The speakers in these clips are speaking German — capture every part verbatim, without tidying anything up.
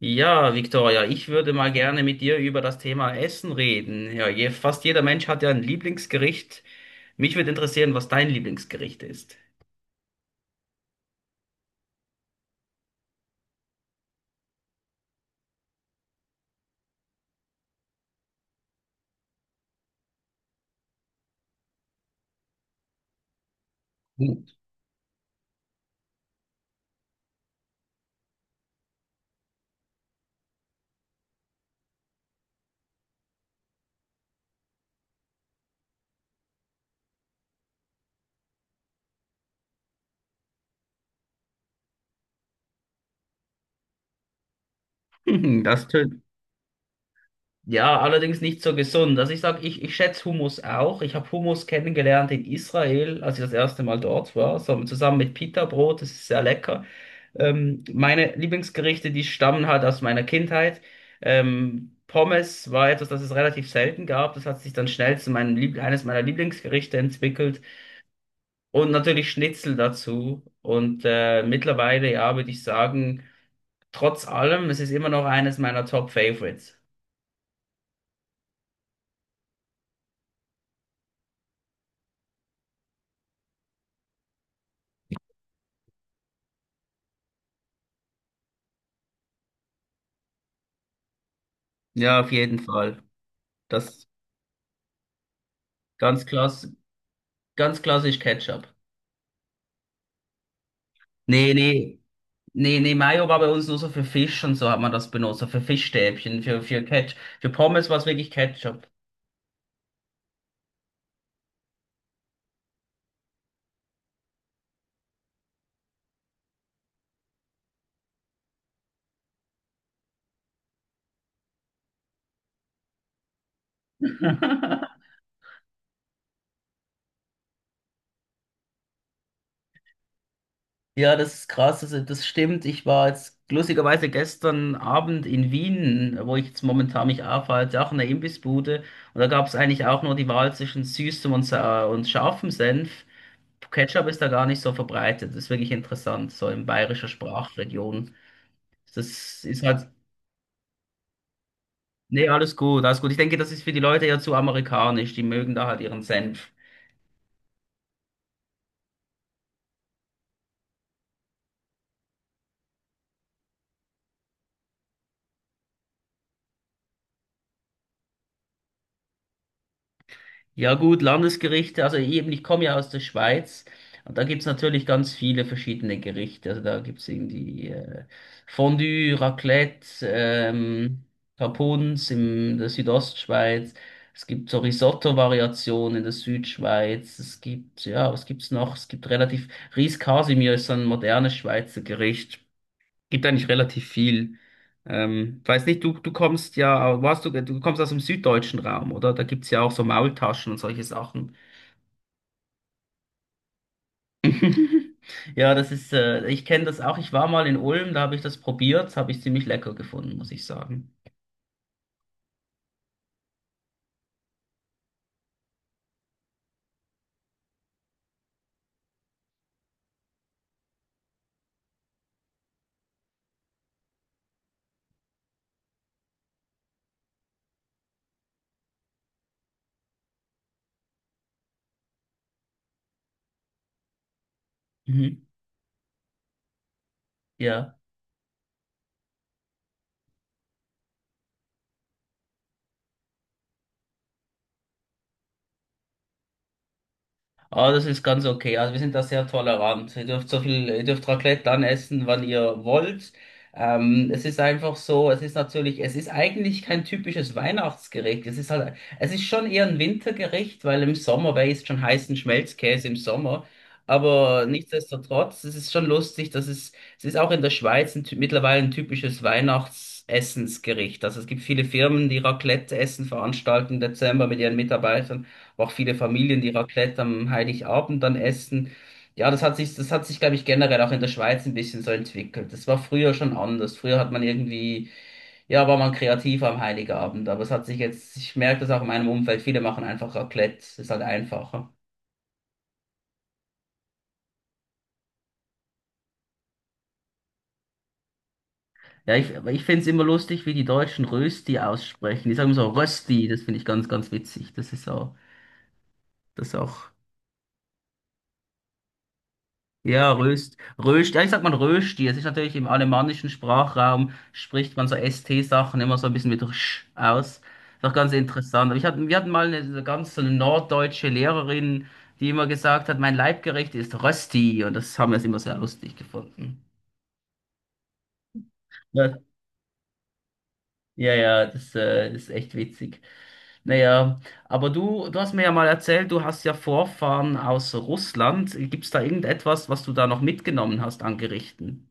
Ja, Victoria, ich würde mal gerne mit dir über das Thema Essen reden. Ja, je, fast jeder Mensch hat ja ein Lieblingsgericht. Mich würde interessieren, was dein Lieblingsgericht ist. Hm. Das tönt. Ja, allerdings nicht so gesund. Also ich sag, ich, ich schätze Hummus auch. Ich habe Hummus kennengelernt in Israel, als ich das erste Mal dort war, so, zusammen mit Pita-Brot. Das ist sehr lecker. Ähm, meine Lieblingsgerichte, die stammen halt aus meiner Kindheit. Ähm, Pommes war etwas, das es relativ selten gab. Das hat sich dann schnell zu meinem Lieb eines meiner Lieblingsgerichte entwickelt. Und natürlich Schnitzel dazu. Und äh, mittlerweile, ja, würde ich sagen, trotz allem, es ist immer noch eines meiner Top Favorites. Ja, auf jeden Fall. Das ganz klass ganz klassisch Ketchup. Nee, nee. Nee, nee, Mayo war bei uns nur so für Fisch und so hat man das benutzt, so für Fischstäbchen, für, für Ketchup. Für Pommes war es wirklich Ketchup. Ja, das ist krass, also das stimmt. Ich war jetzt lustigerweise gestern Abend in Wien, wo ich jetzt momentan mich aufhalte, auch in der Imbissbude. Und da gab es eigentlich auch nur die Wahl zwischen süßem und, sa- und scharfem Senf. Ketchup ist da gar nicht so verbreitet. Das ist wirklich interessant, so in bayerischer Sprachregion. Das ist halt. Nee, alles gut, alles gut. Ich denke, das ist für die Leute ja zu amerikanisch. Die mögen da halt ihren Senf. Ja gut, Landesgerichte, also eben, ich komme ja aus der Schweiz und da gibt's natürlich ganz viele verschiedene Gerichte. Also da gibt's irgendwie äh, Fondue, Raclette, ähm, Capuns in der Südostschweiz. Es gibt so Risotto-Variationen in der Südschweiz. Es gibt, ja, was gibt's noch? Es gibt relativ, Ris Casimir ist so ein modernes Schweizer Gericht. Gibt eigentlich relativ viel. Ähm, weiß nicht, du, du kommst ja, warst du, du kommst aus dem süddeutschen Raum, oder? Da gibt's ja auch so Maultaschen und solche Sachen. Ja, das ist, äh, ich kenne das auch. Ich war mal in Ulm, da habe ich das probiert, das habe ich ziemlich lecker gefunden, muss ich sagen. Mhm. Ja. Aber das ist ganz okay. Also wir sind da sehr tolerant. Ihr dürft so viel, ihr dürft Raclette dann essen, wann ihr wollt. Ähm, es ist einfach so, es ist natürlich, es ist eigentlich kein typisches Weihnachtsgericht. Es ist halt, es ist schon eher ein Wintergericht, weil im Sommer, wer isst schon heißen Schmelzkäse im Sommer? Aber nichtsdestotrotz, es ist schon lustig, dass es, es ist auch in der Schweiz ein, ty- mittlerweile ein typisches Weihnachtsessensgericht. Also es gibt viele Firmen, die Raclette-Essen veranstalten im Dezember mit ihren Mitarbeitern, auch viele Familien, die Raclette am Heiligabend dann essen. Ja, das hat sich, das hat sich, glaube ich, generell auch in der Schweiz ein bisschen so entwickelt. Das war früher schon anders. Früher hat man irgendwie, ja, war man kreativ am Heiligabend. Aber es hat sich jetzt, ich merke das auch in meinem Umfeld, viele machen einfach Raclette. Ist halt einfacher. Ja, ich, ich finde es immer lustig, wie die Deutschen Rösti aussprechen. Die sagen so Rösti, das finde ich ganz, ganz witzig. Das ist auch, das ist auch. Ja, Röst, Röst, ja, ich sag mal Rösti. Es ist natürlich im alemannischen Sprachraum spricht man so S T-Sachen immer so ein bisschen mit Rsch aus. Ist auch ganz interessant. Aber ich hatte, wir hatten mal eine, so ganz so eine norddeutsche Lehrerin, die immer gesagt hat, mein Leibgericht ist Rösti. Und das haben wir immer sehr lustig gefunden. Ja, ja, ja, das äh, ist echt witzig. Naja, aber du, du hast mir ja mal erzählt, du hast ja Vorfahren aus Russland. Gibt's da irgendetwas, was du da noch mitgenommen hast an Gerichten?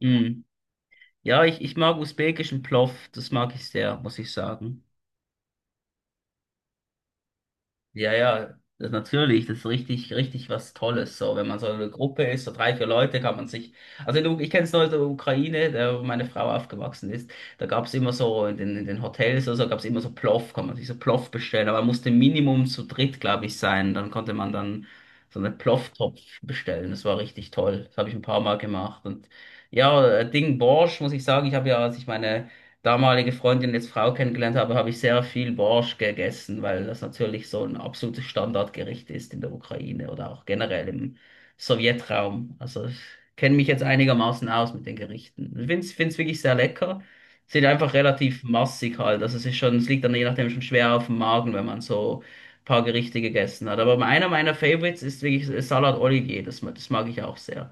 Hm. Ja, ich, ich mag usbekischen Plov, das mag ich sehr, muss ich sagen. Ja, ja, das, natürlich, das ist richtig, richtig was Tolles. So, wenn man so eine Gruppe ist, so drei, vier Leute, kann man sich. Also in, der U- ich kenne es noch aus der Ukraine, da wo meine Frau aufgewachsen ist. Da gab es immer so in den, in den Hotels oder so, gab es immer so Plov, kann man sich so Plov bestellen. Aber man musste Minimum zu dritt, glaube ich, sein. Dann konnte man dann so einen Plov-Topf bestellen. Das war richtig toll. Das habe ich ein paar Mal gemacht. Und ja, äh, Ding Borsch, muss ich sagen, ich habe ja, als ich meine damalige Freundin, jetzt Frau kennengelernt habe, habe ich sehr viel Borsch gegessen, weil das natürlich so ein absolutes Standardgericht ist in der Ukraine oder auch generell im Sowjetraum. Also ich kenne mich jetzt einigermaßen aus mit den Gerichten. Ich finde es wirklich sehr lecker. Sind einfach relativ massig halt. Also es ist schon, es liegt dann je nachdem schon schwer auf dem Magen, wenn man so ein paar Gerichte gegessen hat. Aber einer meiner Favorites ist wirklich Salat Olivier. Das, ma- das mag ich auch sehr.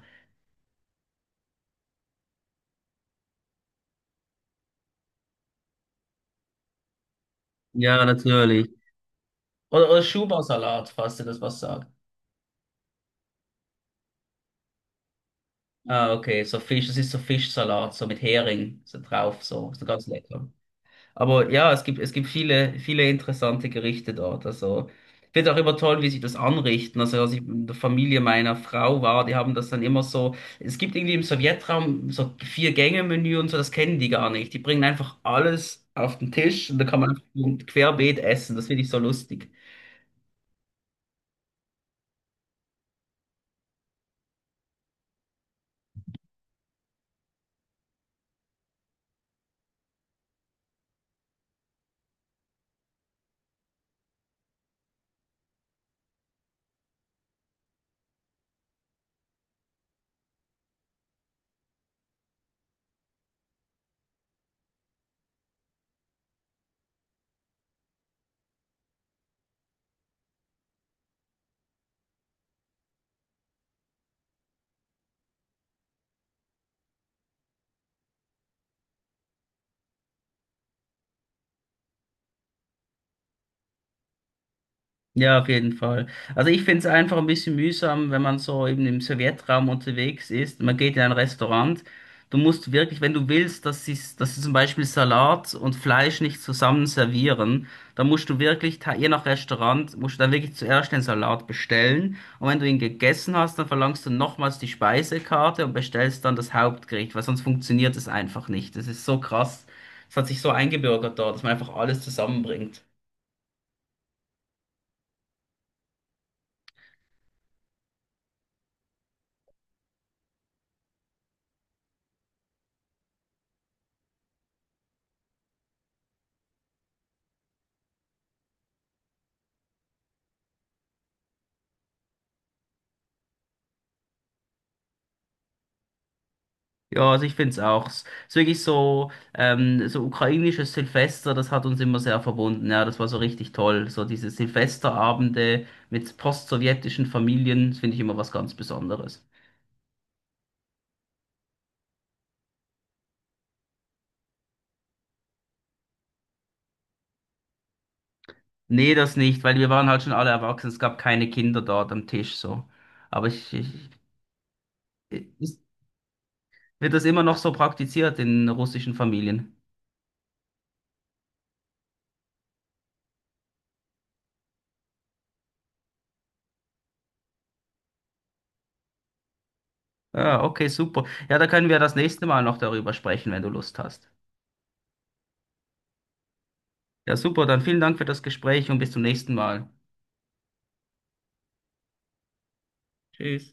Ja, natürlich. Oder, oder Schubersalat, falls dir das was sagt. Ah, okay, so Fisch, das ist so Fischsalat, so mit Hering so drauf, so, so ganz lecker. Aber ja, es gibt, es gibt viele, viele interessante Gerichte dort. Also, ich finde auch immer toll, wie sie das anrichten. Also, als ich in der Familie meiner Frau war, die haben das dann immer so. Es gibt irgendwie im Sowjetraum so Vier-Gänge-Menü und so, das kennen die gar nicht. Die bringen einfach alles auf den Tisch und da kann man einfach querbeet essen. Das finde ich so lustig. Ja, auf jeden Fall. Also ich finde es einfach ein bisschen mühsam, wenn man so eben im Sowjetraum unterwegs ist. Man geht in ein Restaurant. Du musst wirklich, wenn du willst, dass sie, dass sie zum Beispiel Salat und Fleisch nicht zusammen servieren, dann musst du wirklich, ta- je nach Restaurant, musst du dann wirklich zuerst den Salat bestellen. Und wenn du ihn gegessen hast, dann verlangst du nochmals die Speisekarte und bestellst dann das Hauptgericht, weil sonst funktioniert es einfach nicht. Das ist so krass. Es hat sich so eingebürgert dort, dass man einfach alles zusammenbringt. Ja, also ich finde es auch. Es ist wirklich so, ähm, so ukrainisches Silvester, das hat uns immer sehr verbunden. Ja, das war so richtig toll. So diese Silvesterabende mit postsowjetischen Familien, das finde ich immer was ganz Besonderes. Nee, das nicht, weil wir waren halt schon alle erwachsen. Es gab keine Kinder dort am Tisch so. Aber ich, ich, ist, wird das immer noch so praktiziert in russischen Familien? Ah, okay, super. Ja, da können wir das nächste Mal noch darüber sprechen, wenn du Lust hast. Ja, super. Dann vielen Dank für das Gespräch und bis zum nächsten Mal. Tschüss.